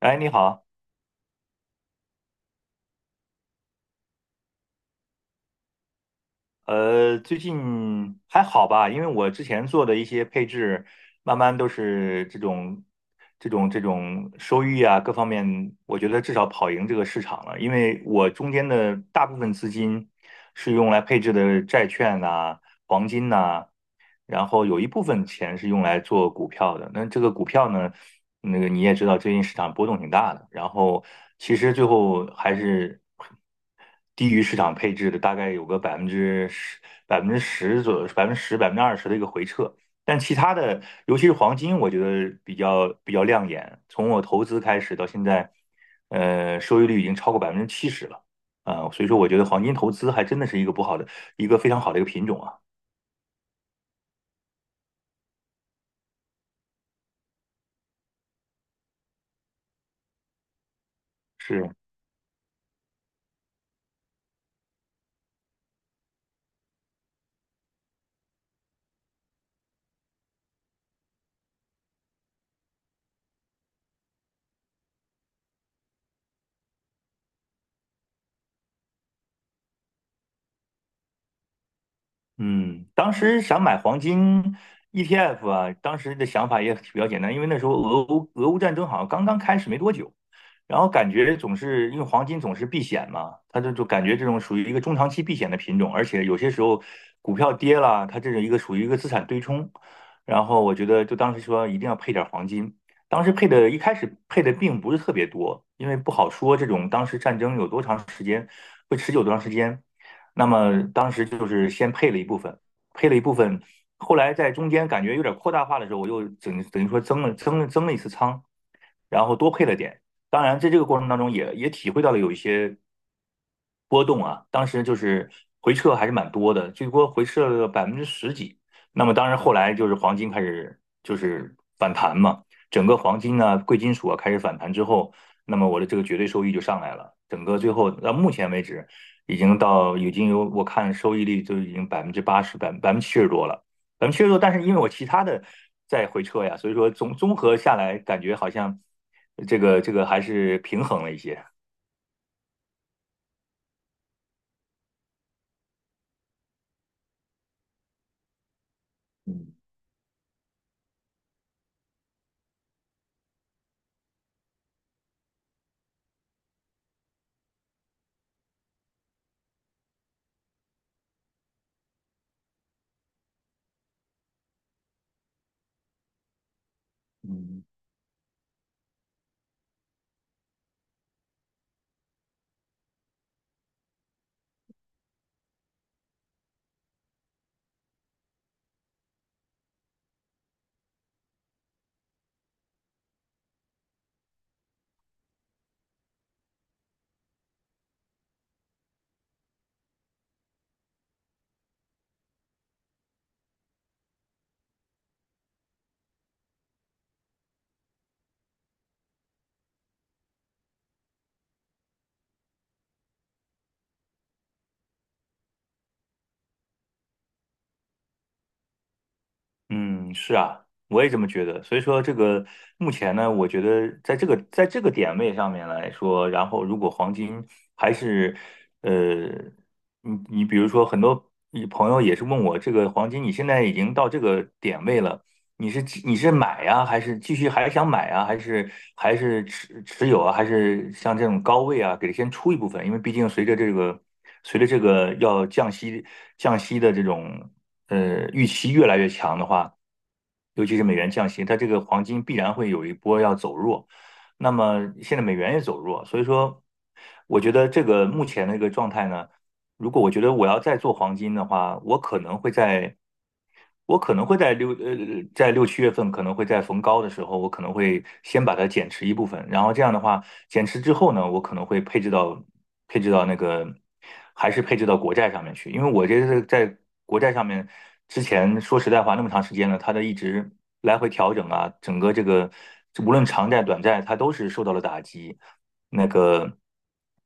哎，你好，最近还好吧？因为我之前做的一些配置，慢慢都是这种收益啊，各方面，我觉得至少跑赢这个市场了。因为我中间的大部分资金是用来配置的债券呐、黄金呐、然后有一部分钱是用来做股票的。那这个股票呢，那个你也知道，最近市场波动挺大的。然后其实最后还是低于市场配置的，大概有个百分之十、百分之十左右、百分之十、20%的一个回撤。但其他的，尤其是黄金，我觉得比较亮眼。从我投资开始到现在，收益率已经超过百分之七十了。啊、所以说我觉得黄金投资还真的是一个不好的，一个非常好的一个品种啊。是，嗯，当时想买黄金 ETF 啊，当时的想法也比较简单，因为那时候俄乌战争好像刚刚开始没多久，然后感觉总是因为黄金总是避险嘛，它就感觉这种属于一个中长期避险的品种，而且有些时候股票跌了，它这是一个属于一个资产对冲，然后我觉得就当时说一定要配点黄金，当时配的一开始配的并不是特别多，因为不好说这种当时战争有多长时间，会持久多长时间。那么当时就是先配了一部分，配了一部分，后来在中间感觉有点扩大化的时候，我又等于说增了一次仓，然后多配了点。当然，在这个过程当中也体会到了有一些波动啊，当时就是回撤还是蛮多的，最多回撤了百分之十几。那么当然后来就是黄金开始就是反弹嘛，整个黄金啊、贵金属啊开始反弹之后，那么我的这个绝对收益就上来了。整个最后到目前为止，已经有我看收益率就已经80%、百分之七十多了，百分之七十多。但是因为我其他的在回撤呀，所以说综合下来，感觉好像这个还是平衡了一些。嗯嗯。嗯，是啊，我也这么觉得。所以说，这个目前呢，我觉得在这个点位上面来说，然后如果黄金还是呃，你比如说很多你朋友也是问我，这个黄金你现在已经到这个点位了，你是买呀，还是继续还想买啊，还是持有啊，还是像这种高位啊，给它先出一部分，因为毕竟随着这个要降息的这种。预期越来越强的话，尤其是美元降息，它这个黄金必然会有一波要走弱。那么现在美元也走弱，所以说我觉得这个目前的一个状态呢。如果我觉得我要再做黄金的话，我可能会在，我可能会在六呃在六七月份，可能会在逢高的时候，我可能会先把它减持一部分，然后这样的话，减持之后呢，我可能会配置到那个还是配置到国债上面去，因为我这是在国债上面之前说实在话那么长时间了，它的一直来回调整啊，整个这个无论长债短债，它都是受到了打击。那个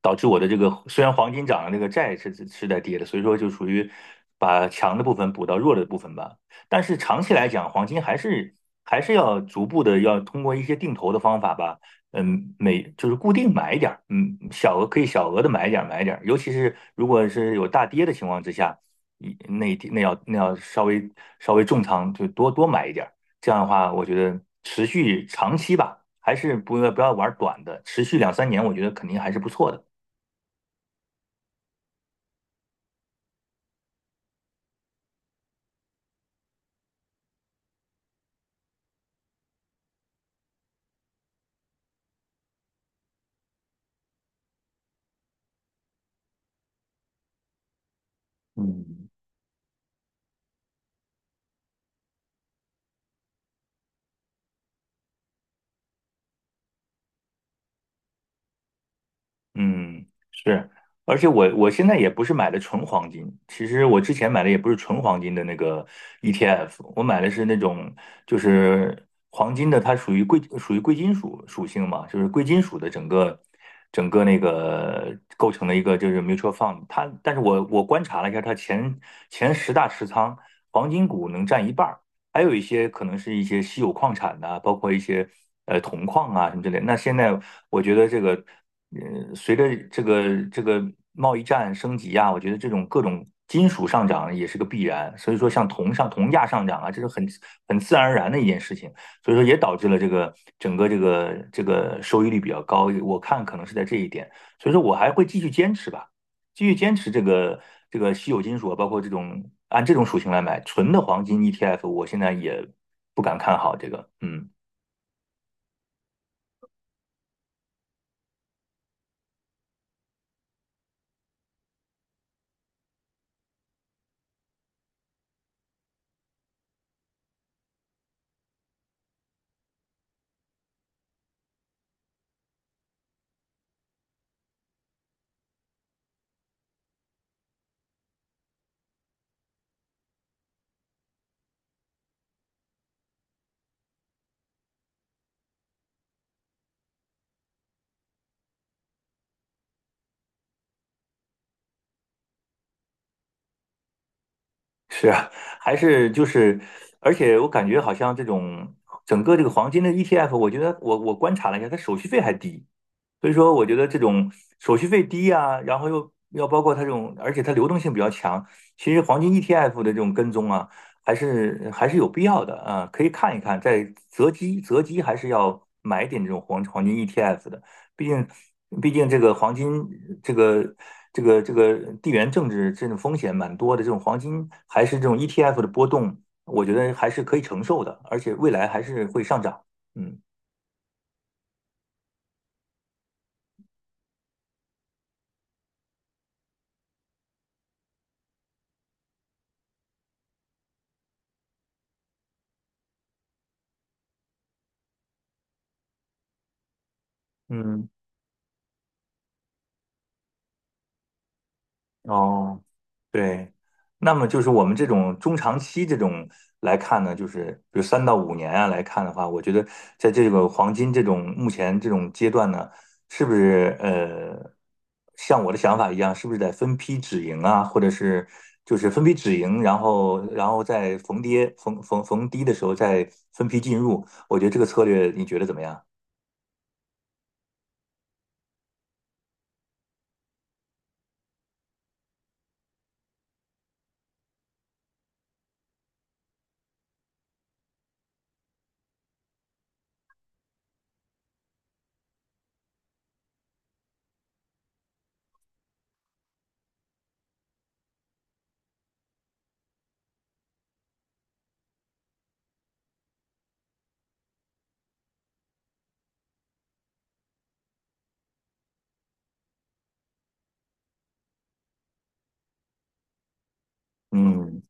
导致我的这个虽然黄金涨了，那个债是在跌的，所以说就属于把强的部分补到弱的部分吧。但是长期来讲，黄金还是要逐步的要通过一些定投的方法吧，嗯，就是固定买一点儿，嗯，小额可以小额的买一点儿，尤其是如果是有大跌的情况之下，一那一那要那要稍微重仓就多买一点儿。这样的话，我觉得持续长期吧，还是不要玩短的，持续两三年，我觉得肯定还是不错的。嗯嗯，是，而且我现在也不是买的纯黄金，其实我之前买的也不是纯黄金的那个 ETF，我买的是那种就是黄金的，它属于属于贵金属属性嘛，就是贵金属的整个那个构成了一个就是 mutual fund，它但是我观察了一下，它前十大持仓黄金股能占一半儿，还有一些可能是一些稀有矿产呐、包括一些铜矿啊什么之类的那现在我觉得这个，随着这个贸易战升级啊，我觉得这种各种金属上涨也是个必然。所以说，像铜价上涨啊，这是很自然而然的一件事情。所以说，也导致了这个整个这个收益率比较高。我看可能是在这一点，所以说我还会继续坚持吧。继续坚持这个稀有金属啊，包括这种按这种属性来买纯的黄金 ETF，我现在也不敢看好这个，嗯。是啊，还是就是，而且我感觉好像这种整个这个黄金的 ETF，我觉得我观察了一下，它手续费还低，所以说我觉得这种手续费低啊，然后又要包括它这种，而且它流动性比较强，其实黄金 ETF 的这种跟踪啊，还是有必要的啊，可以看一看，在择机还是要买点这种黄金 ETF 的。毕竟，这个黄金，这个这个地缘政治这种风险蛮多的，这种黄金还是这种 ETF 的波动，我觉得还是可以承受的，而且未来还是会上涨。嗯嗯。哦，对，那么就是我们这种中长期这种来看呢，就是比如3到5年啊来看的话，我觉得在这个黄金这种目前这种阶段呢，是不是像我的想法一样，是不是得分批止盈啊，或者是就是分批止盈，然后在逢跌逢逢逢低的时候再分批进入，我觉得这个策略你觉得怎么样？嗯。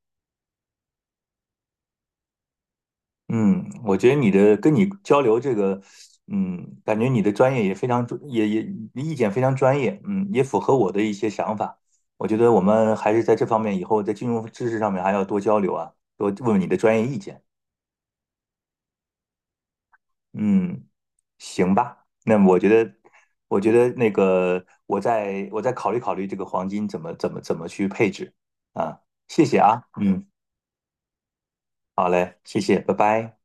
嗯，我觉得跟你交流这个，嗯，感觉你的专业也非常专，也意见非常专业，嗯，也符合我的一些想法。我觉得我们还是在这方面以后在金融知识上面还要多交流啊，多问问你的专业意见。嗯，行吧，那我觉得那个我再考虑考虑这个黄金怎么去配置啊。谢谢啊，嗯，好嘞，谢谢，拜拜。